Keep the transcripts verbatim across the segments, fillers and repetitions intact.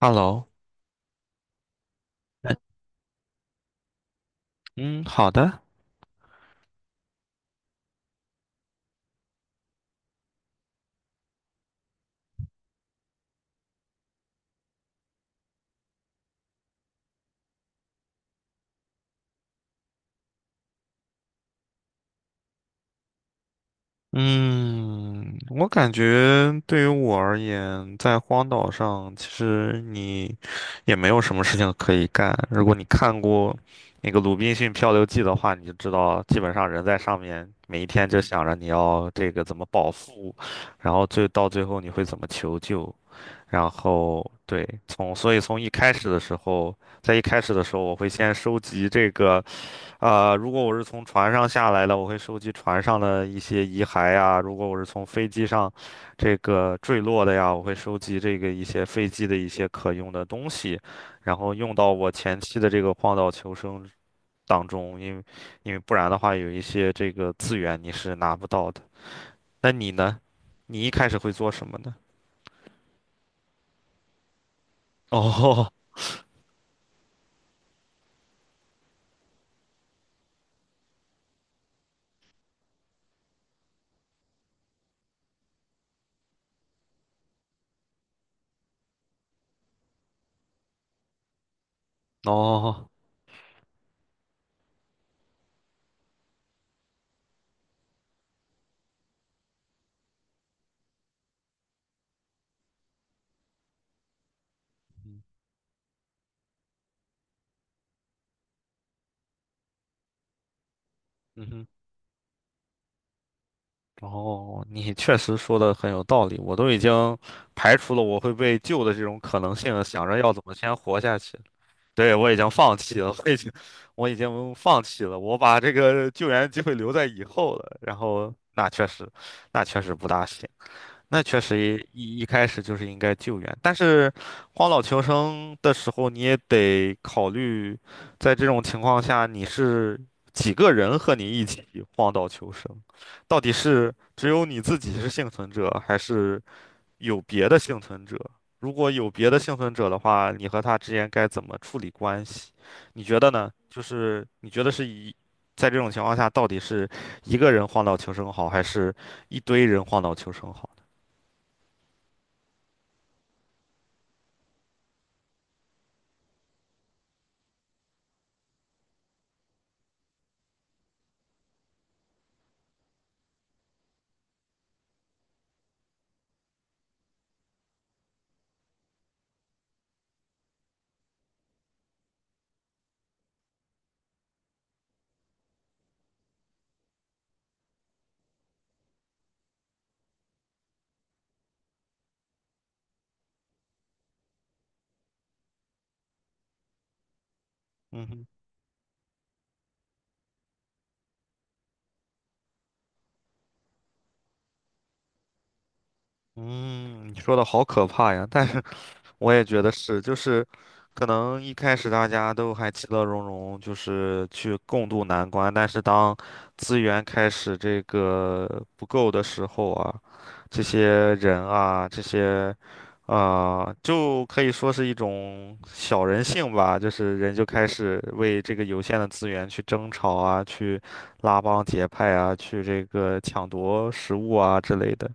Hello，嗯，好的，嗯，我感觉对于我而言，在荒岛上，其实你也没有什么事情可以干。如果你看过那个《鲁滨逊漂流记》的话，你就知道，基本上人在上面每一天就想着你要这个怎么饱腹，然后最到最后你会怎么求救，然后对，从所以从一开始的时候，在一开始的时候，我会先收集这个。啊、如果我是从船上下来的，我会收集船上的一些遗骸呀；如果我是从飞机上这个坠落的呀，我会收集这个一些飞机的一些可用的东西，然后用到我前期的这个荒岛求生当中，因为因为不然的话，有一些这个资源你是拿不到的。那你呢？你一开始会做什么呢？哦哦，嗯嗯哼。哦，你确实说的很有道理，我都已经排除了我会被救的这种可能性了想着要怎么先活下去。对，我已经放弃了，我已经，我已经放弃了，我把这个救援机会留在以后了。然后，那确实，那确实不大行。那确实一一一开始就是应该救援，但是荒岛求生的时候，你也得考虑，在这种情况下，你是几个人和你一起荒岛求生？到底是只有你自己是幸存者，还是有别的幸存者？如果有别的幸存者的话，你和他之间该怎么处理关系？你觉得呢？就是你觉得是一，在这种情况下，到底是一个人荒岛求生好，还是一堆人荒岛求生好？嗯哼嗯，你说的好可怕呀！但是 我也觉得是，就是可能一开始大家都还其乐融融，就是去共度难关。但是当资源开始这个不够的时候啊，这些人啊，这些啊、就可以说是一种小人性吧，就是人就开始为这个有限的资源去争吵啊，去拉帮结派啊，去这个抢夺食物啊之类的。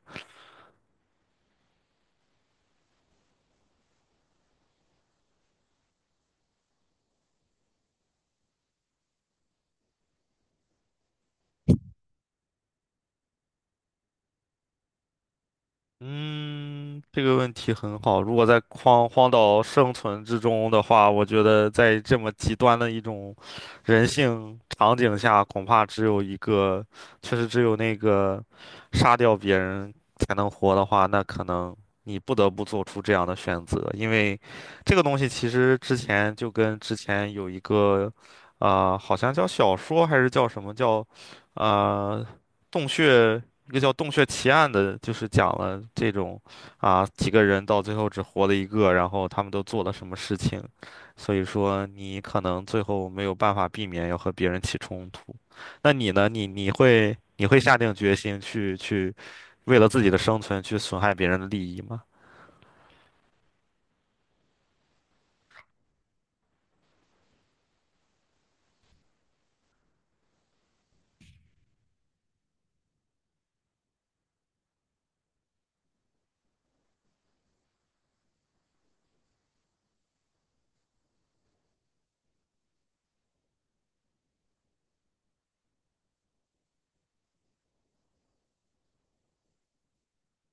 嗯，这个问题很好。如果在荒荒岛生存之中的话，我觉得在这么极端的一种人性场景下，恐怕只有一个，确实只有那个杀掉别人才能活的话，那可能你不得不做出这样的选择，因为这个东西其实之前就跟之前有一个，啊，好像叫小说还是叫什么叫，啊洞穴。一个叫《洞穴奇案》的，就是讲了这种啊几个人到最后只活了一个，然后他们都做了什么事情，所以说你可能最后没有办法避免要和别人起冲突。那你呢？你你会你会下定决心去去为了自己的生存去损害别人的利益吗？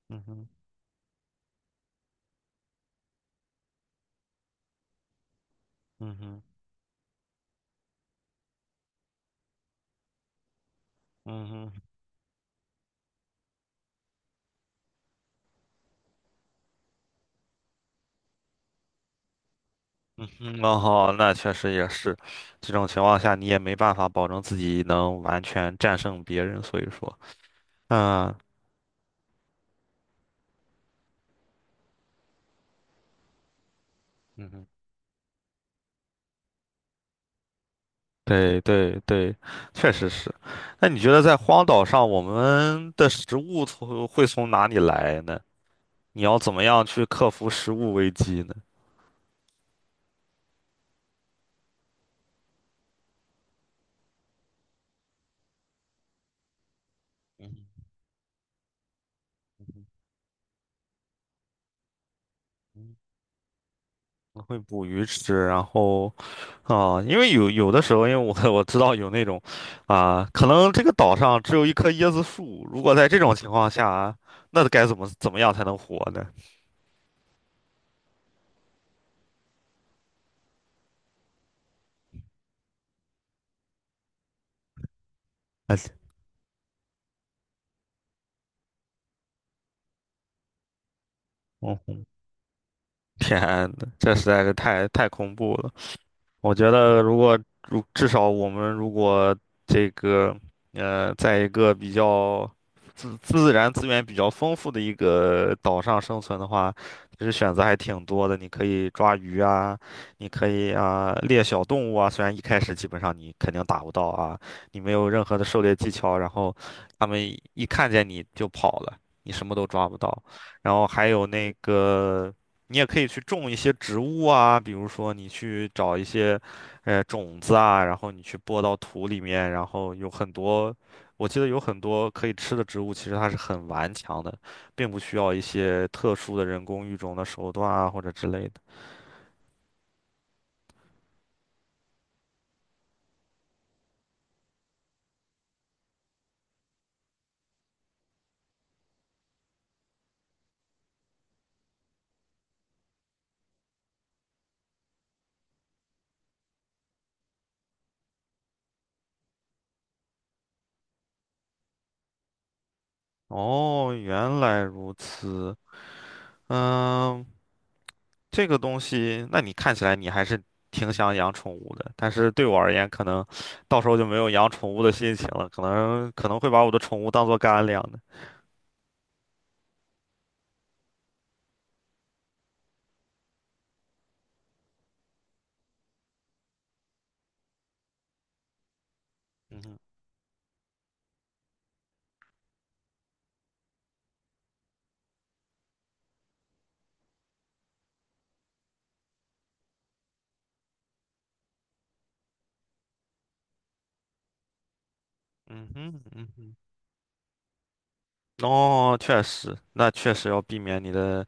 嗯哼，嗯哼，嗯哼，嗯哼，哦，那确实也是，这种情况下你也没办法保证自己能完全战胜别人，所以说，嗯。嗯哼对对对，确实是。那你觉得在荒岛上，我们的食物从会从哪里来呢？你要怎么样去克服食物危机呢？嗯我会捕鱼吃，然后啊、因为有有的时候，因为我我知道有那种，啊、可能这个岛上只有一棵椰子树，如果在这种情况下，那该怎么怎么样才能活呢？哎，嗯，天呐，这实在是太太恐怖了。我觉得如果如至少我们如果这个呃，在一个比较自自然资源比较丰富的一个岛上生存的话，其实选择还挺多的。你可以抓鱼啊，你可以啊猎小动物啊，虽然一开始基本上你肯定打不到啊，你没有任何的狩猎技巧，然后他们一看见你就跑了，你什么都抓不到。然后还有那个。你也可以去种一些植物啊，比如说你去找一些，呃，种子啊，然后你去播到土里面，然后有很多，我记得有很多可以吃的植物，其实它是很顽强的，并不需要一些特殊的人工育种的手段啊或者之类的。哦，原来如此。嗯，这个东西，那你看起来你还是挺想养宠物的，但是对我而言，可能到时候就没有养宠物的心情了，可能可能会把我的宠物当做干粮。的。嗯哼，嗯哼，嗯哼。哦，确实，那确实要避免你的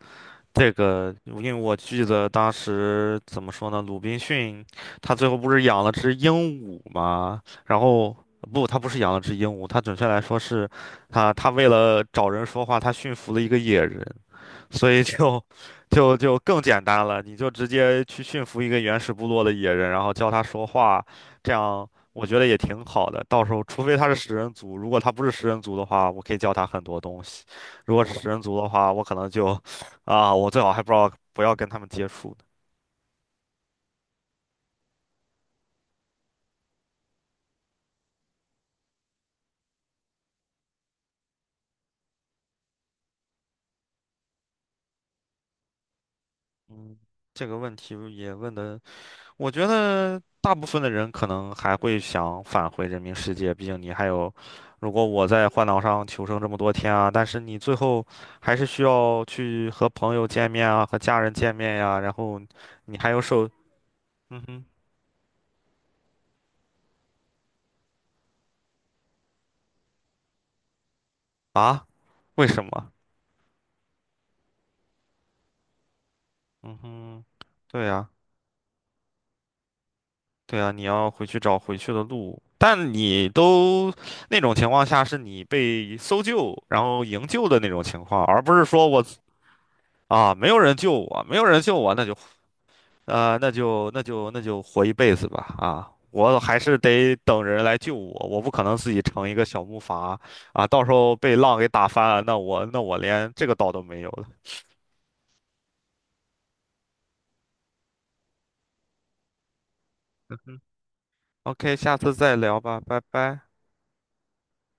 这个，因为我记得当时怎么说呢，鲁滨逊他最后不是养了只鹦鹉吗？然后不，他不是养了只鹦鹉，他准确来说是，他他为了找人说话，他驯服了一个野人。所以就就就更简单了，你就直接去驯服一个原始部落的野人，然后教他说话，这样我觉得也挺好的。到时候，除非他是食人族，如果他不是食人族的话，我可以教他很多东西；如果是食人族的话，我可能就啊，我最好还不知道不要跟他们接触呢。嗯，这个问题也问的我觉得大部分的人可能还会想返回人民世界，毕竟你还有，如果我在荒岛上求生这么多天啊，但是你最后还是需要去和朋友见面啊，和家人见面呀、然后你还有受，嗯哼，啊，为什么？嗯哼，对呀、对呀、你要回去找回去的路，但你都那种情况下是你被搜救，然后营救的那种情况，而不是说我啊没有人救我，没有人救我，那就。啊、那就那就那就活一辈子吧啊！我还是得等人来救我，我不可能自己成一个小木筏啊！到时候被浪给打翻了，那我那我连这个岛都没有了。OK，下次再聊吧，拜拜。